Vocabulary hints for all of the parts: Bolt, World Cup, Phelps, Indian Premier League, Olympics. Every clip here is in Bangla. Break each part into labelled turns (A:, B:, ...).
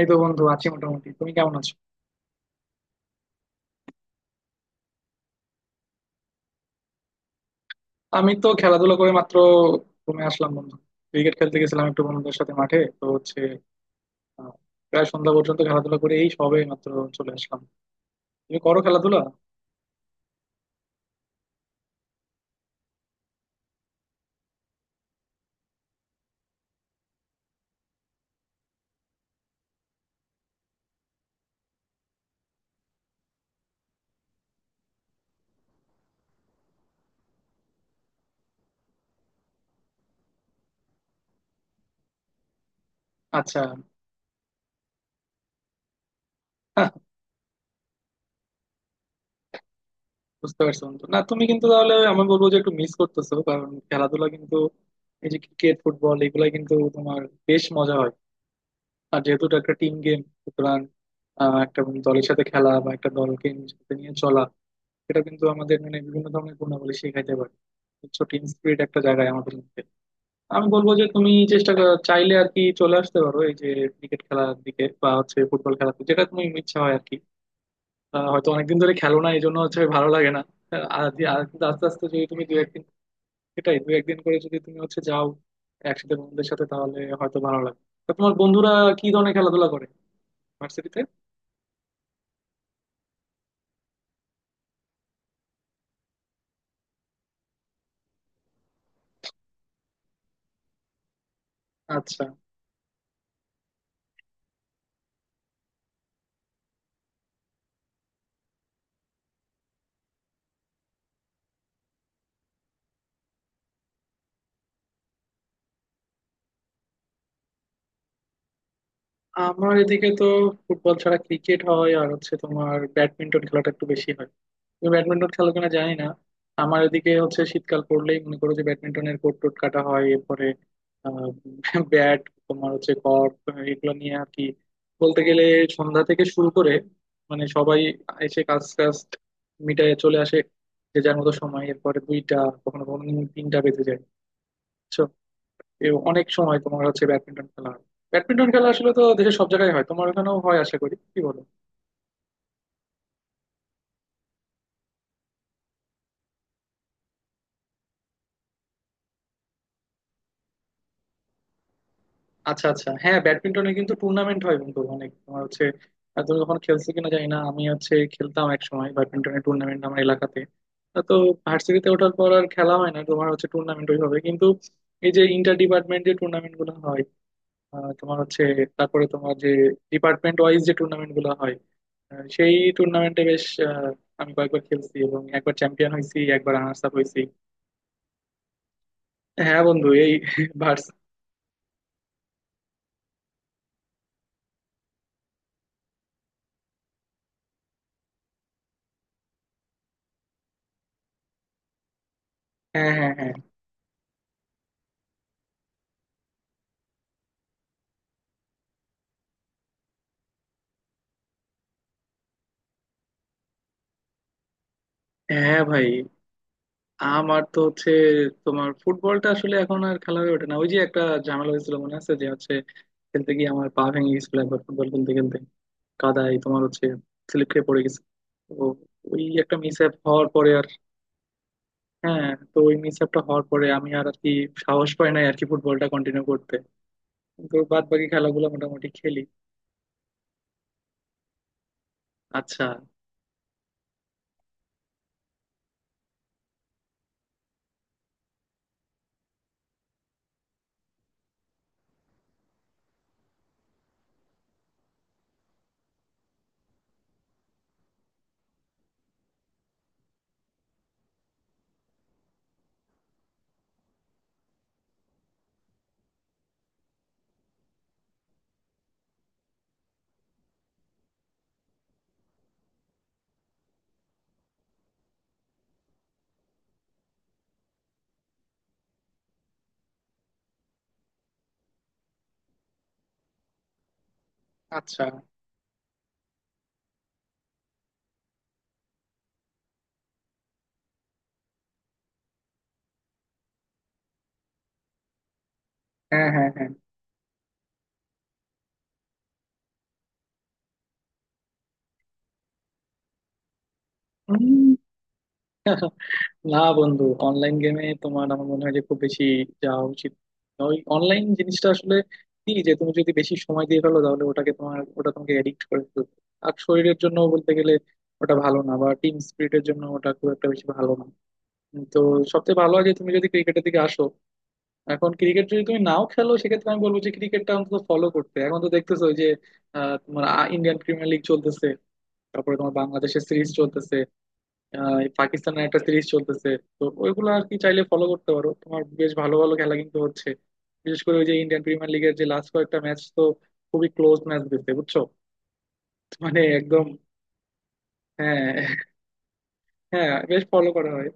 A: এই তো বন্ধু আছি মোটামুটি। তুমি কেমন আছো? আমি তো খেলাধুলা করে মাত্র ঘুমে আসলাম বন্ধু। ক্রিকেট খেলতে গেছিলাম একটু বন্ধুদের সাথে, মাঠে তো হচ্ছে। আহ, প্রায় সন্ধ্যা পর্যন্ত খেলাধুলা করে এই সবে মাত্র চলে আসলাম। তুমি করো খেলাধুলা? আচ্ছা। হ্যাঁ, বুঝতে পারছো বন্ধু, না তুমি কিন্তু, তাহলে আমি বলবো যে একটু মিস করতেছো, কারণ খেলাধুলা কিন্তু এই যে ক্রিকেট ফুটবল এগুলা কিন্তু তোমার বেশ মজা হয়। আর যেহেতু এটা একটা টিম গেম, সুতরাং একটা দলের সাথে খেলা বা একটা দলকে নিজের সাথে নিয়ে চলা সেটা কিন্তু আমাদের মানে বিভিন্ন ধরনের গুণাবলী শেখাইতে পারে। বুঝছো, টিম স্পিরিট একটা জায়গায় আমাদের মধ্যে। আমি বলবো যে তুমি চাইলে আর কি চলে আসতে পারো এই যে ক্রিকেট খেলার দিকে বা হচ্ছে ফুটবল খেলাতে, যেটা তুমি ইচ্ছা হয় আর কি। হয়তো অনেকদিন ধরে খেলো না, এই জন্য হচ্ছে ভালো লাগে না। আর কিন্তু আস্তে আস্তে যদি তুমি দু একদিন, সেটাই দু একদিন করে যদি তুমি হচ্ছে যাও একসাথে বন্ধুদের সাথে, তাহলে হয়তো ভালো লাগে। তো তোমার বন্ধুরা কি ধরনের খেলাধুলা করে ভার্সিটিতে? আচ্ছা। আমার এদিকে তো ফুটবল ছাড়া ক্রিকেট হয়, আর হচ্ছে তোমার ব্যাডমিন্টন খেলাটা একটু বেশি হয়। তুমি ব্যাডমিন্টন খেলো কিনা জানি না। আমার এদিকে হচ্ছে শীতকাল পড়লেই মনে করো যে ব্যাডমিন্টনের কোর্ট টোট কাটা হয়, এরপরে ব্যাট, তোমার হচ্ছে কর্ক, এগুলো নিয়ে আর কি, বলতে গেলে সন্ধ্যা থেকে শুরু করে মানে সবাই এসে কাজ কাজ মিটায় চলে আসে, যে যার মতো সময়, এরপরে দুইটা কখনো কখনো কিন্তু তিনটা বেজে যায়। বুঝছো, এ অনেক সময় তোমার হচ্ছে ব্যাডমিন্টন খেলা হয়। ব্যাডমিন্টন খেলা আসলে তো দেশের সব জায়গায় হয়, তোমার ওখানেও হয় আশা করি, কি বলো? আচ্ছা আচ্ছা। হ্যাঁ, ব্যাডমিন্টনে কিন্তু টুর্নামেন্ট হয় বন্ধু অনেক, তোমার হচ্ছে তুমি কখনো খেলছো কিনা জানি না। আমি হচ্ছে খেলতাম এক সময় ব্যাডমিন্টনের টুর্নামেন্ট আমার এলাকাতে। তা তো ভার্সিটিতে ওঠার পর আর খেলা হয় না তোমার হচ্ছে টুর্নামেন্ট ওইভাবে, কিন্তু এই যে ইন্টার ডিপার্টমেন্ট যে টুর্নামেন্ট গুলো হয়, তোমার হচ্ছে তারপরে তোমার যে ডিপার্টমেন্ট ওয়াইজ যে টুর্নামেন্ট গুলো হয়, সেই টুর্নামেন্টে বেশ আমি কয়েকবার খেলছি এবং একবার চ্যাম্পিয়ন হয়েছি, একবার রানার্স আপ হয়েছি। হ্যাঁ বন্ধু, এই ভার্স। হ্যাঁ, হ্যাঁ, হ্যাঁ। হ্যাঁ ভাই। আমার তো হচ্ছে তোমার ফুটবলটা আসলে এখন আর খেলা হয়ে ওঠে না। ওই যে একটা ঝামেলা হয়েছিল মনে আছে, যে হচ্ছে খেলতে গিয়ে আমার পা ভেঙে গেছিল একবার, ফুটবল খেলতে খেলতে কাদায় তোমার হচ্ছে স্লিপ খেয়ে পড়ে গেছে। তো ওই একটা মিস আপ হওয়ার পরে আর হ্যাঁ, তো ওই মিস আপটা হওয়ার পরে আমি আর আর কি সাহস পাই নাই আর কি ফুটবলটা কন্টিনিউ করতে, কিন্তু বাদ বাকি খেলাগুলো মোটামুটি খেলি। আচ্ছা আচ্ছা। হ্যাঁ, হ্যাঁ, হ্যাঁ। না বন্ধু, অনলাইন গেমে তোমার আমার মনে হয় যে খুব বেশি যাওয়া উচিত না। ওই অনলাইন জিনিসটা আসলে কি, যে তুমি যদি বেশি সময় দিয়ে ফেলো তাহলে ওটাকে তোমার, ওটা তোমাকে এডিক্ট করে ফেলবে। আর শরীরের জন্য বলতে গেলে ওটা ভালো না, বা টিম স্পিরিটের জন্য ওটা খুব একটা বেশি ভালো না। তো সবচেয়ে ভালো হয় যে তুমি যদি ক্রিকেটের দিকে আসো। এখন ক্রিকেট যদি তুমি নাও খেলো সেক্ষেত্রে আমি বলবো যে ক্রিকেটটা অন্তত ফলো করতে। এখন তো দেখতেছো ওই যে তোমার ইন্ডিয়ান প্রিমিয়ার লিগ চলতেছে, তারপরে তোমার বাংলাদেশের সিরিজ চলতেছে, এই পাকিস্তানের একটা সিরিজ চলতেছে। তো ওইগুলো আর কি চাইলে ফলো করতে পারো, তোমার বেশ ভালো ভালো খেলা কিন্তু হচ্ছে। বিশেষ করে ওই যে ইন্ডিয়ান প্রিমিয়ার লিগের যে লাস্ট কয়েকটা ম্যাচ তো খুবই ক্লোজ ম্যাচ দিচ্ছে, বুঝছো, মানে একদম। হ্যাঁ। হ্যাঁ, বেশ ফলো করা হয়।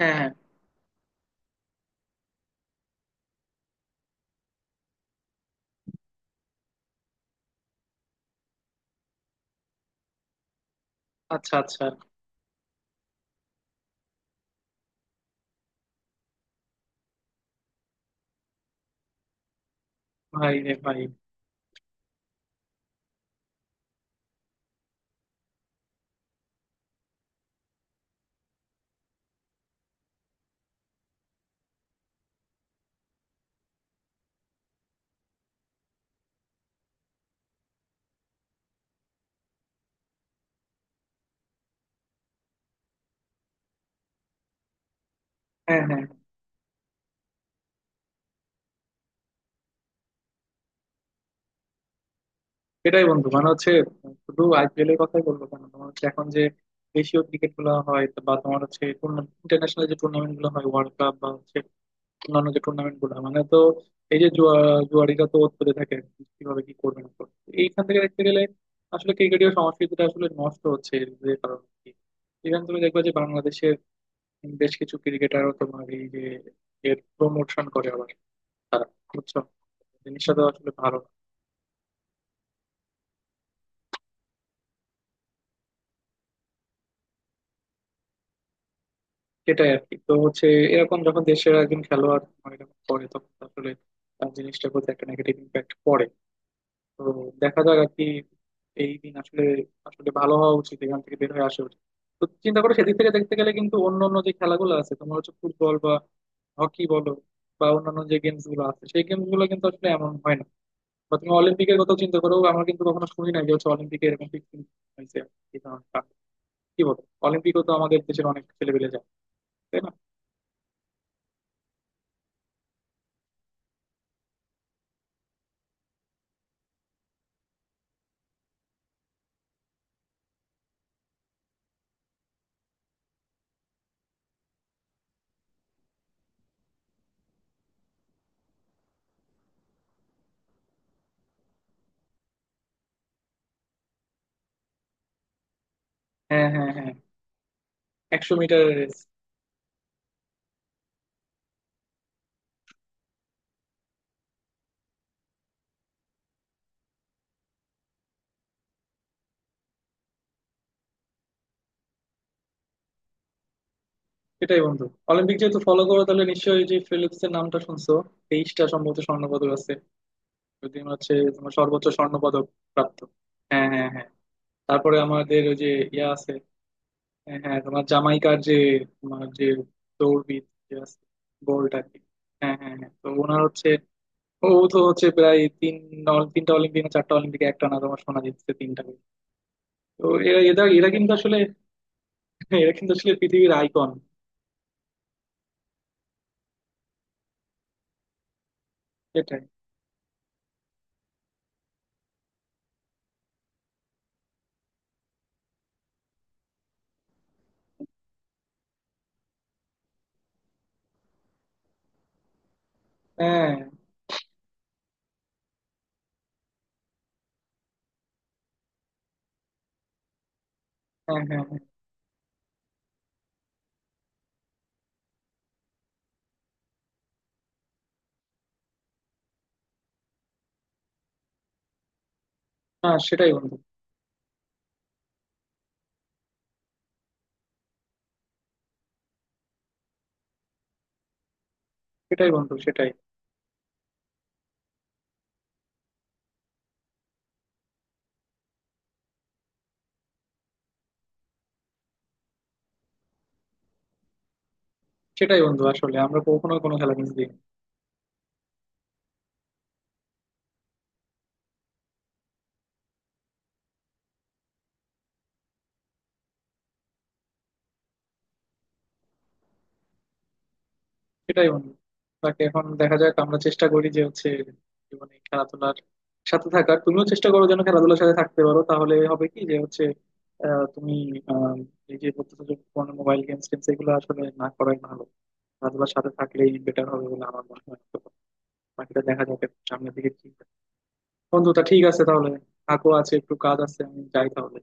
A: হ্যাঁ, হ্যাঁ। আচ্ছা আচ্ছা। ভাই রে ভাই। হ্যাঁ, হ্যাঁ। এটাই বন্ধু, মানে হচ্ছে শুধু আইপিএল এর কথাই বলবো কেন, তোমার হচ্ছে এখন যে দেশীয় ক্রিকেট গুলো হয় বা তোমার হচ্ছে ইন্টারন্যাশনাল যে টুর্নামেন্ট গুলো হয় ওয়ার্ল্ড কাপ বা হচ্ছে অন্যান্য যে টুর্নামেন্ট গুলো, মানে তো এই যে জুয়া, জুয়ারিরা তো পড়ে থাকে কিভাবে কি করবে না করবে। তো এইখান থেকে দেখতে গেলে আসলে ক্রিকেটীয় সংস্কৃতিটা আসলে নষ্ট হচ্ছে এর যে কারণে, কি ইভেন তুমি দেখবে যে বাংলাদেশের বেশ কিছু ক্রিকেটারও তোমার এই যে এর প্রমোশন করে, আবার তারা বুঝছো জিনিসটা তো আসলে ভালো না। সেটাই আর কি, তো হচ্ছে এরকম যখন দেশের একজন খেলোয়াড় তোমার এরকম করে, তখন তো আসলে তার জিনিসটার প্রতি একটা নেগেটিভ ইম্প্যাক্ট পড়ে। তো দেখা যাক আর কি, এই দিন আসলে আসলে ভালো হওয়া উচিত, এখান থেকে বের হয়ে আসা উচিত। তো চিন্তা করো সেদিক থেকে দেখতে গেলে কিন্তু অন্য অন্য যে খেলাগুলো আছে, তোমার হচ্ছে ফুটবল বা হকি বলো বা অন্যান্য যে গেমস গুলো আছে, সেই গেমস গুলো কিন্তু আসলে এমন হয় না। বা তুমি অলিম্পিকের কথা চিন্তা করো, আমরা কিন্তু কখনো শুনি না যে হচ্ছে অলিম্পিকে এরকম fixing হয়েছে এই ধরনটা। কি বলো, অলিম্পিকও তো আমাদের দেশের অনেক ছেলেপেলে যায় তাই না? হ্যাঁ, হ্যাঁ, হ্যাঁ। 100 মিটার রেস। সেটাই বন্ধু, অলিম্পিক যেহেতু ফলো করো তাহলে নিশ্চয়ই যে ফিলিপস এর নামটা শুনছো। 23টা সম্ভবত স্বর্ণ পদক আছে, টিম হচ্ছে তোমার সর্বোচ্চ স্বর্ণ পদক প্রাপ্ত। হ্যাঁ, হ্যাঁ, হ্যাঁ। তারপরে আমাদের ওই যে ইয়া আছে, হ্যাঁ, হ্যাঁ, তোমার জামাইকার যে, তোমার যে দৌড়বিদ যে আছে, বোল্ট আর কি। হ্যাঁ, হ্যাঁ, হ্যাঁ, তো ওনার হচ্ছে ও তো হচ্ছে প্রায় তিন তিনটা অলিম্পিকে, চারটা অলিম্পিকে একটা না তোমার সোনা জিতছে তিনটা করে। তো এরা এরা এরা কিন্তু আসলে এরা কিন্তু আসলে পৃথিবীর আইকন। সেটাই। হ্যাঁ, হ্যাঁ, হ্যাঁ। হ্যাঁ, হ্যাঁ, সেটাই বন্ধু সেটাই। বন্ধু সেটাই। সেটাই বন্ধু, আসলে আমরা কখনো কোনো খেলা মিস দিই না। সেটাই বন্ধু, বাকি এখন দেখা যাক, আমরা চেষ্টা করি যে হচ্ছে জীবনে খেলাধুলার সাথে থাকার। তুমিও চেষ্টা করো যেন খেলাধুলার সাথে থাকতে পারো, তাহলে হবে কি যে হচ্ছে তুমি আহ, এই যে বলতেছো যে ফোনে মোবাইল গেমস টেমস এগুলো আসলে না করাই ভালো, খেলাধুলার সাথে থাকলেই বেটার হবে বলে আমার মনে হয়। তো বাকিটা দেখা যাবে সামনের দিকে কি হয়। বন্ধু তা ঠিক আছে তাহলে। থাকো, আছে একটু কাজ, আছে আমি যাই তাহলে।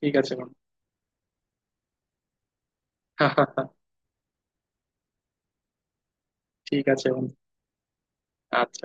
A: ঠিক আছে বন্ধু। ঠিক আছে বন্ধু। আচ্ছা।